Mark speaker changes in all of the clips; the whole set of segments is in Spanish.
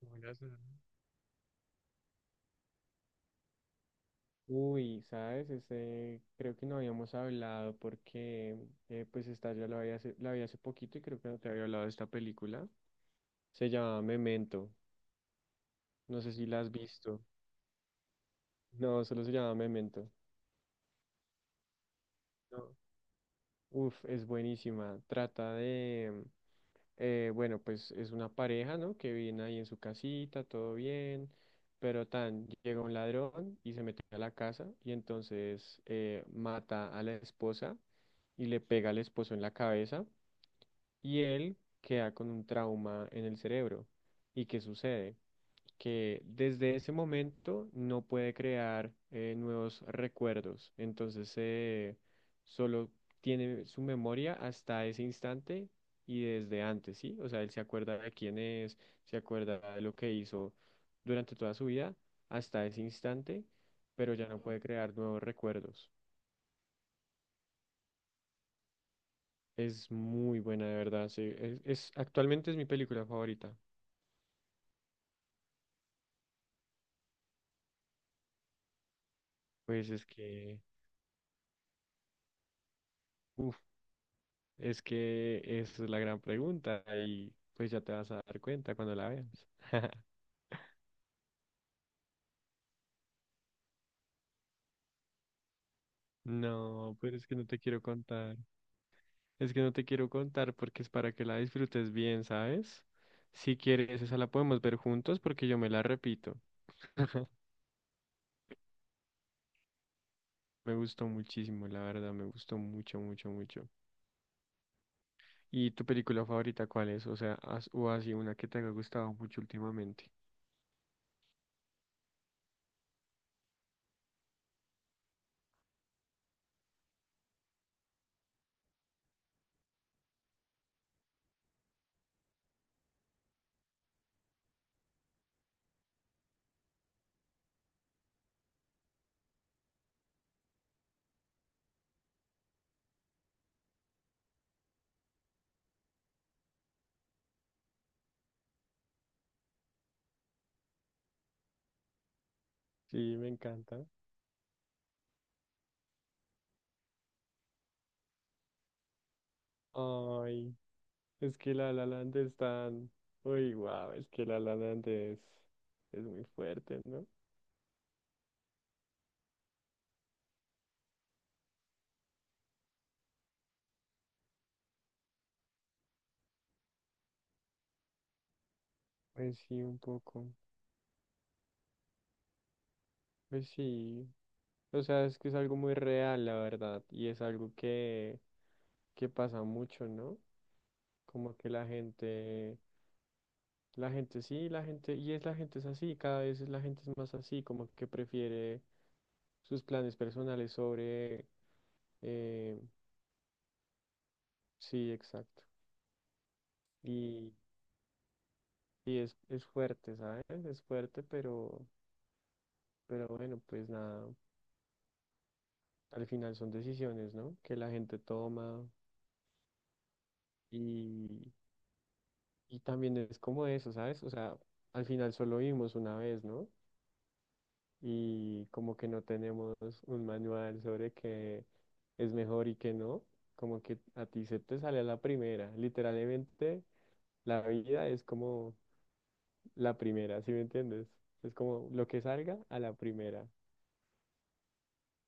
Speaker 1: Bueno, uy, ¿sabes? Creo que no habíamos hablado porque, esta yo la vi hace poquito y creo que no te había hablado de esta película. Se llama Memento. No sé si la has visto. No, solo se llama Memento. No. Uf, es buenísima. Trata de, eh, bueno, pues es una pareja, ¿no? Que viene ahí en su casita, todo bien, pero tan llega un ladrón y se mete a la casa y entonces mata a la esposa y le pega al esposo en la cabeza y él queda con un trauma en el cerebro. ¿Y qué sucede? Que desde ese momento no puede crear nuevos recuerdos. Entonces, solo tiene su memoria hasta ese instante y desde antes, ¿sí? O sea, él se acuerda de quién es, se acuerda de lo que hizo durante toda su vida hasta ese instante, pero ya no puede crear nuevos recuerdos. Es muy buena, de verdad, sí. Actualmente es mi película favorita. Pues es que, uf, Es que esa es la gran pregunta y pues ya te vas a dar cuenta cuando la veas. No, pero es que no te quiero contar. Es que no te quiero contar porque es para que la disfrutes bien, ¿sabes? Si quieres, esa la podemos ver juntos porque yo me la repito. Me gustó muchísimo, la verdad, me gustó mucho, mucho, mucho. ¿Y tu película favorita cuál es? O sea, o así una que te haya gustado mucho últimamente. Sí, me encanta. Ay, es que La La Land es tan... Uy, wow, es que La La Land es muy fuerte, ¿no? Pues sí, un poco. Pues sí. O sea, es que es algo muy real, la verdad. Y es algo que pasa mucho, ¿no? Como que la gente... La gente sí, la gente... Y es la gente es así, cada vez la gente es más así, como que prefiere sus planes personales sobre... eh, sí, exacto. Y, es fuerte, ¿sabes? Es fuerte, pero... Pero bueno, pues nada, al final son decisiones, ¿no? Que la gente toma y, y también es como eso, ¿sabes? O sea, al final solo vivimos una vez, ¿no? Y como que no tenemos un manual sobre qué es mejor y qué no, como que a ti se te sale a la primera. Literalmente, la vida es como la primera, ¿sí me entiendes? Es como lo que salga a la primera.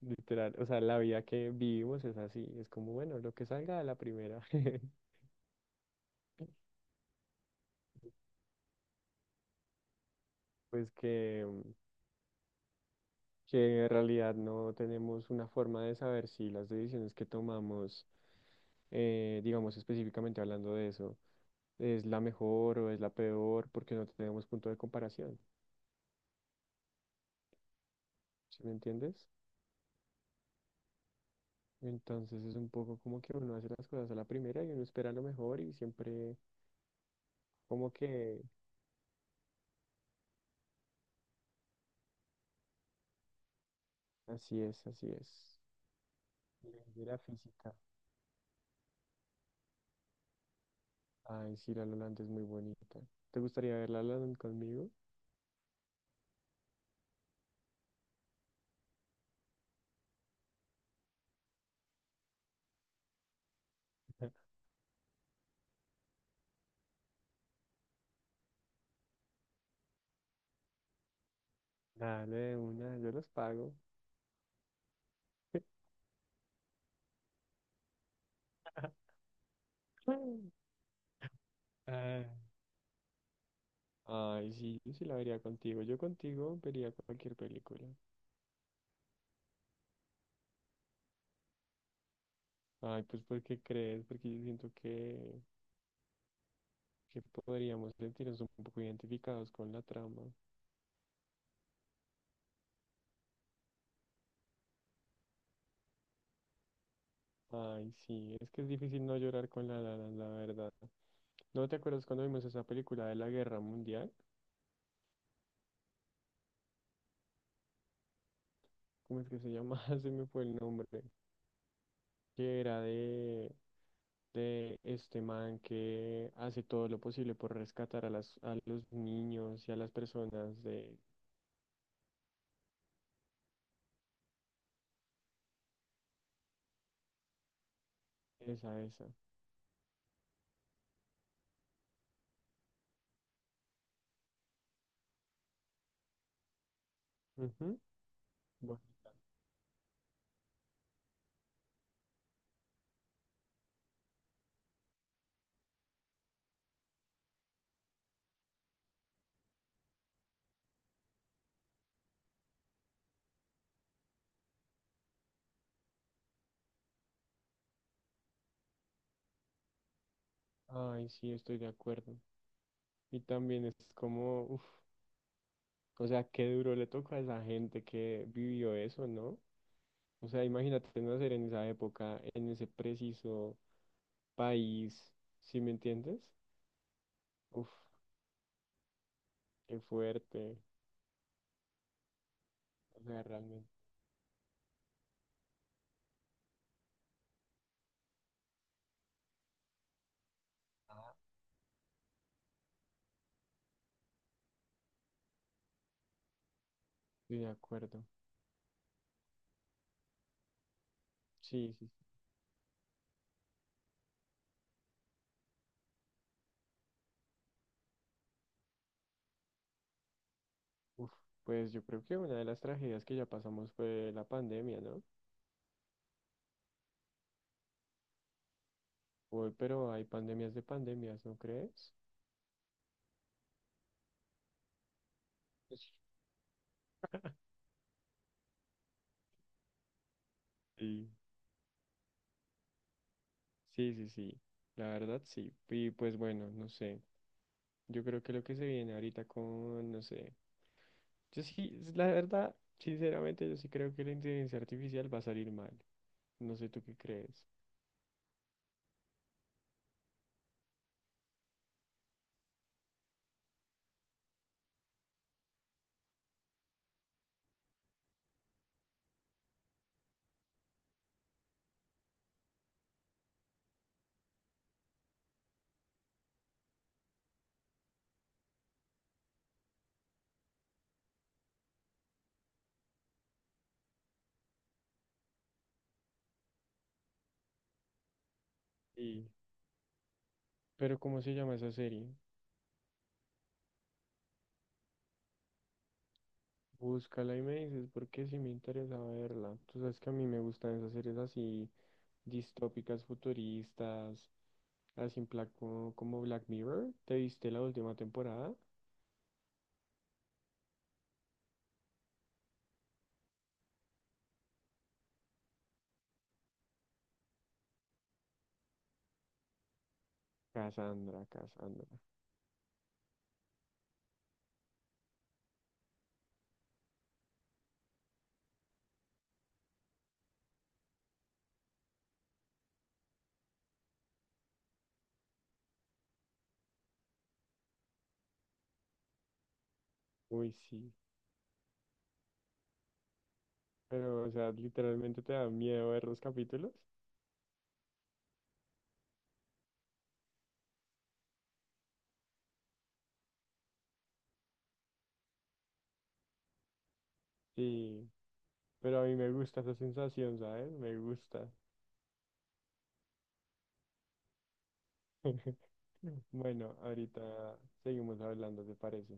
Speaker 1: Literal, o sea, la vida que vivimos es así, es como, bueno, lo que salga a la primera. pues que, que en realidad no tenemos una forma de saber si las decisiones que tomamos, digamos específicamente hablando de eso, es la mejor o es la peor, porque no tenemos punto de comparación, ¿sí me entiendes? Entonces es un poco como que uno hace las cosas a la primera y uno espera lo mejor y siempre como que así es, así es. Ley de la física. Ay, sí, la Lolanda es muy bonita. ¿Te gustaría ver la Lolanda conmigo? Dale, de una, yo los pago. Mm. Ah, ay, sí, yo sí la vería contigo. Yo contigo vería cualquier película. Ay, pues porque crees, porque yo siento que podríamos sentirnos un poco identificados con la trama. Ay, sí, es que es difícil no llorar con la la Land, la verdad. ¿No te acuerdas cuando vimos esa película de la Guerra Mundial? ¿Cómo es que se llama? Se me fue el nombre. Que era de este man que hace todo lo posible por rescatar a a los niños y a las personas de esa, esa. Ujú. Bueno, ay, sí, estoy de acuerdo. Y también es como, uf, o sea, qué duro le toca a esa gente que vivió eso, ¿no? O sea, imagínate nacer en esa época, en ese preciso país, ¿sí me entiendes? Uf, qué fuerte. O sea, realmente estoy de acuerdo. Sí, sí, sí. Uf, pues yo creo que una de las tragedias que ya pasamos fue la pandemia, ¿no? Uy, pero hay pandemias de pandemias, ¿no crees? Sí. Sí, sí, sí, la verdad sí. Y pues bueno, no sé. Yo creo que lo que se viene ahorita con, no sé. Yo sí, es la verdad, sinceramente, yo sí creo que la inteligencia artificial va a salir mal. No sé tú qué crees. Sí. Pero ¿cómo se llama esa serie? Búscala y me dices, porque sí me interesa verla. Tú sabes que a mí me gustan esas series así, distópicas, futuristas, así en plan como, como Black Mirror. ¿Te viste la última temporada? Cassandra, Cassandra. Uy, sí. Pero, o sea, literalmente te da miedo ver los capítulos. Y, pero a mí me gusta esa sensación, ¿sabes? Me gusta. Bueno, ahorita seguimos hablando, ¿te parece?